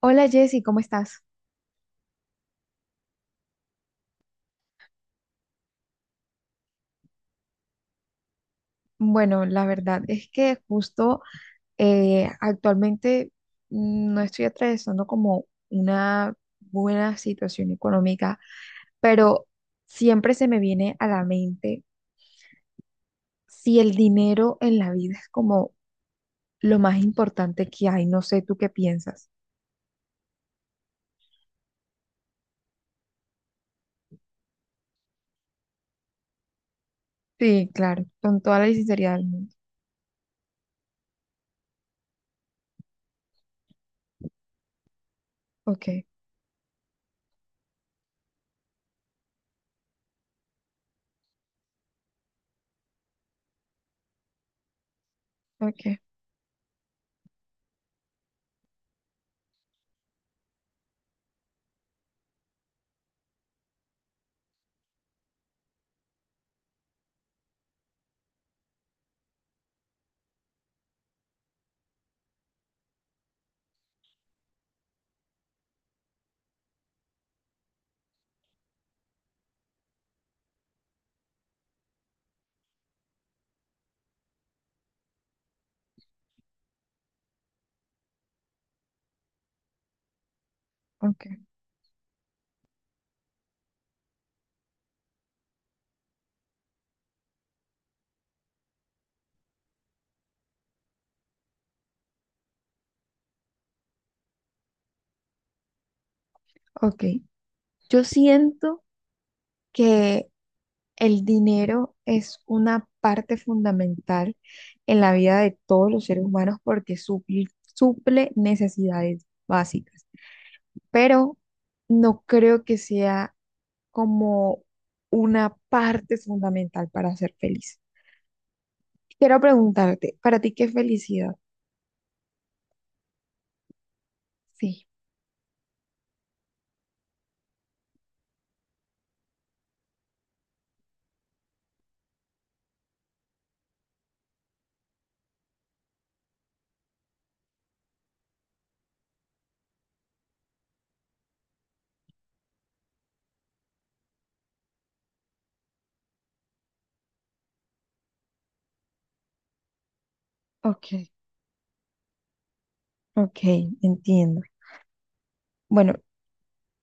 Hola Jessy, ¿cómo estás? Bueno, la verdad es que justo actualmente no estoy atravesando como una buena situación económica, pero siempre se me viene a la mente si el dinero en la vida es como lo más importante que hay. No sé, ¿tú qué piensas? Sí, claro, con toda la sinceridad del mundo. Ok, ok, ok, ok. Yo siento que el dinero es una parte fundamental en la vida de todos los seres humanos porque suple necesidades básicas, pero no creo que sea como una parte fundamental para ser feliz. Quiero preguntarte, ¿para ti qué es felicidad? Sí, ok, ok, entiendo. Bueno,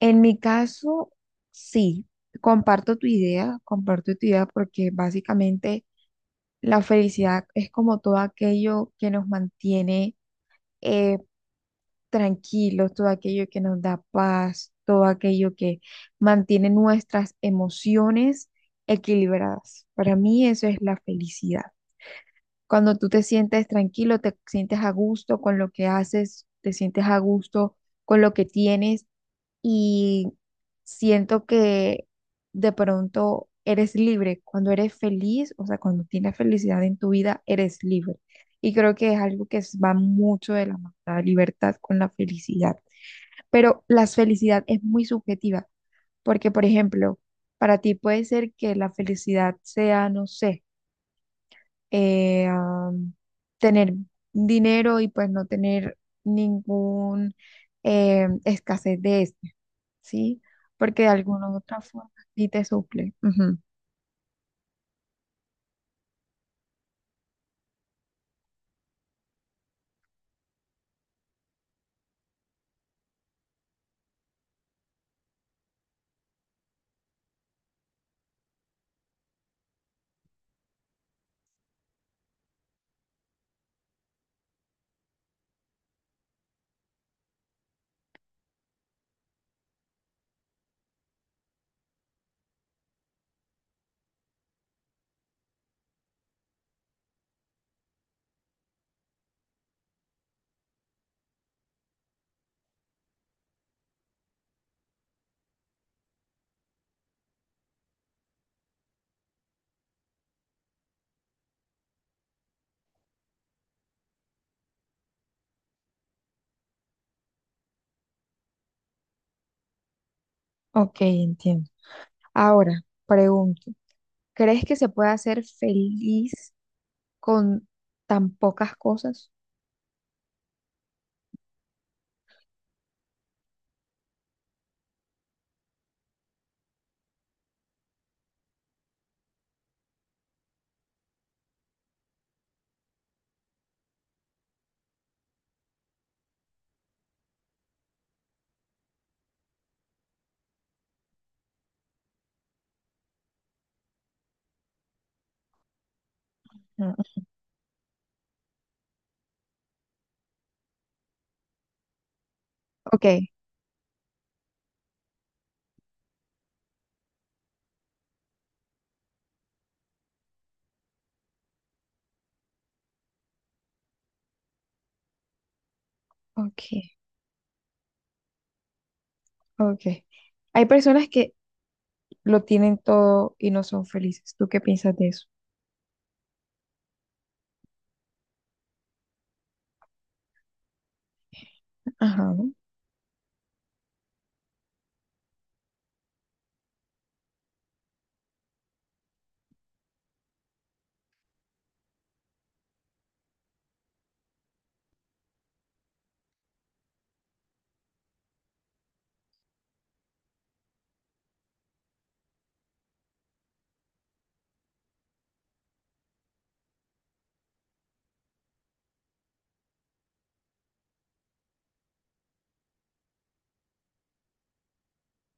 en mi caso, sí, comparto tu idea porque básicamente la felicidad es como todo aquello que nos mantiene eh, tranquilos, todo aquello que nos da paz, todo aquello que mantiene nuestras emociones equilibradas. Para mí eso es la felicidad. Cuando tú te sientes tranquilo, te sientes a gusto con lo que haces, te sientes a gusto con lo que tienes y siento que de pronto eres libre. Cuando eres feliz, o sea, cuando tienes felicidad en tu vida, eres libre. Y creo que es algo que va mucho de la mano, la libertad con la felicidad. Pero la felicidad es muy subjetiva, porque, por ejemplo, para ti puede ser que la felicidad sea, no sé, eh, am, tener dinero y pues no tener ningún, escasez de esto, ¿sí? Porque de alguna u otra forma sí te suple. Ujú. Ok, entiendo. Ahora, pregunto, ¿crees que se puede hacer feliz con tan pocas cosas? Mm, Ok, ok, ok. Hay personas que lo tienen todo y no son felices. ¿Tú qué piensas de eso? Ajá.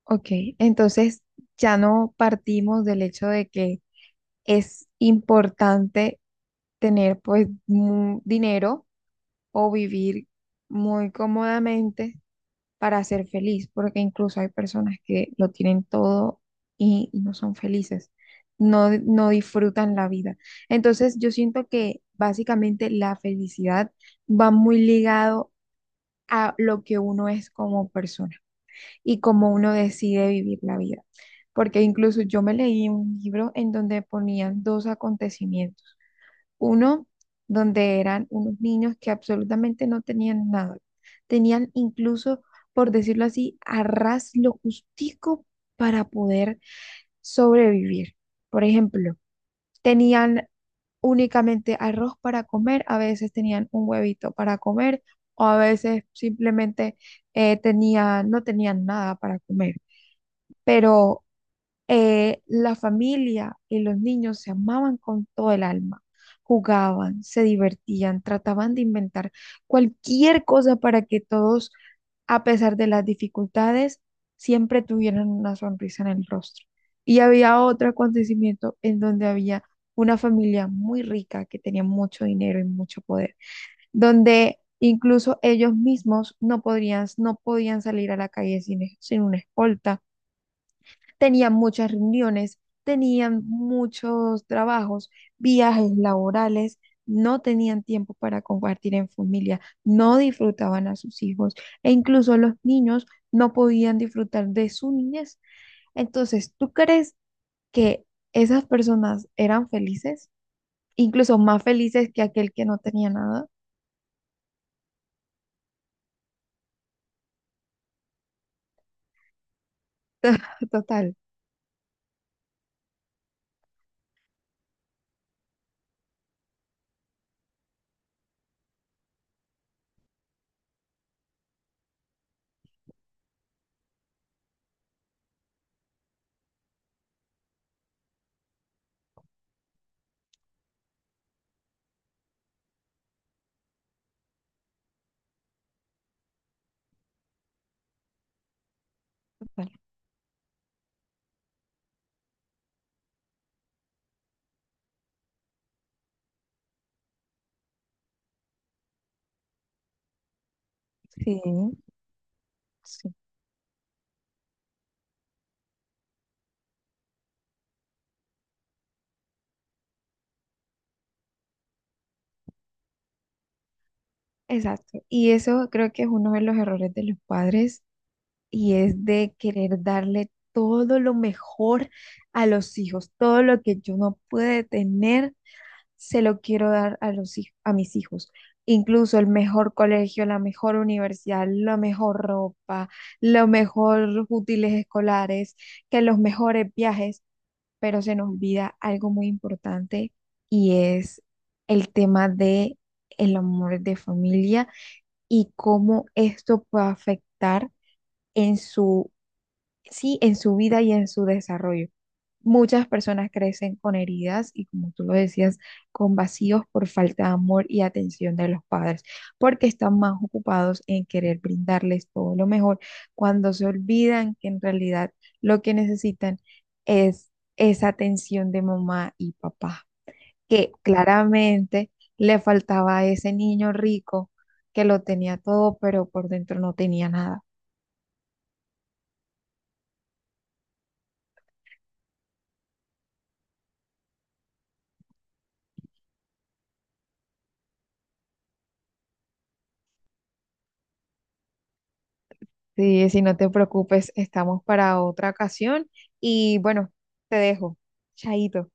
Ok, entonces ya no partimos del hecho de que es importante tener pues dinero o vivir muy cómodamente para ser feliz, porque incluso hay personas que lo tienen todo y no son felices, no, no disfrutan la vida. Entonces yo siento que básicamente la felicidad va muy ligado a lo que uno es como persona y cómo uno decide vivir la vida. Porque incluso yo me leí un libro en donde ponían dos acontecimientos. Uno donde eran unos niños que absolutamente no tenían nada. Tenían incluso, por decirlo así, a ras lo justico para poder sobrevivir. Por ejemplo, tenían únicamente arroz para comer, a veces tenían un huevito para comer o a veces simplemente no tenían nada para comer. Pero la familia y los niños se amaban con todo el alma, jugaban, se divertían, trataban de inventar cualquier cosa para que todos, a pesar de las dificultades, siempre tuvieran una sonrisa en el rostro. Y había otro acontecimiento en donde había una familia muy rica que tenía mucho dinero y mucho poder, donde incluso ellos mismos no podían salir a la calle sin, sin una escolta. Tenían muchas reuniones, tenían muchos trabajos, viajes laborales, no tenían tiempo para compartir en familia, no disfrutaban a sus hijos e incluso los niños no podían disfrutar de su niñez. Entonces, ¿tú crees que esas personas eran felices? Incluso más felices que aquel que no tenía nada. Total, total. Sí, sí. Exacto. Y eso creo que es uno de los errores de los padres y es de querer darle todo lo mejor a los hijos, todo lo que yo no pude tener, se lo quiero dar a a mis hijos. Incluso el mejor colegio, la mejor universidad, la mejor ropa, los mejores útiles escolares, que los mejores viajes, pero se nos olvida algo muy importante y es el tema de el amor de familia y cómo esto puede afectar en su, sí, en su vida y en su desarrollo. Muchas personas crecen con heridas y, como tú lo decías, con vacíos por falta de amor y atención de los padres, porque están más ocupados en querer brindarles todo lo mejor cuando se olvidan que en realidad lo que necesitan es esa atención de mamá y papá, que claramente le faltaba a ese niño rico que lo tenía todo, pero por dentro no tenía nada. Sí, si no te preocupes, estamos para otra ocasión y bueno, te dejo. Chaito.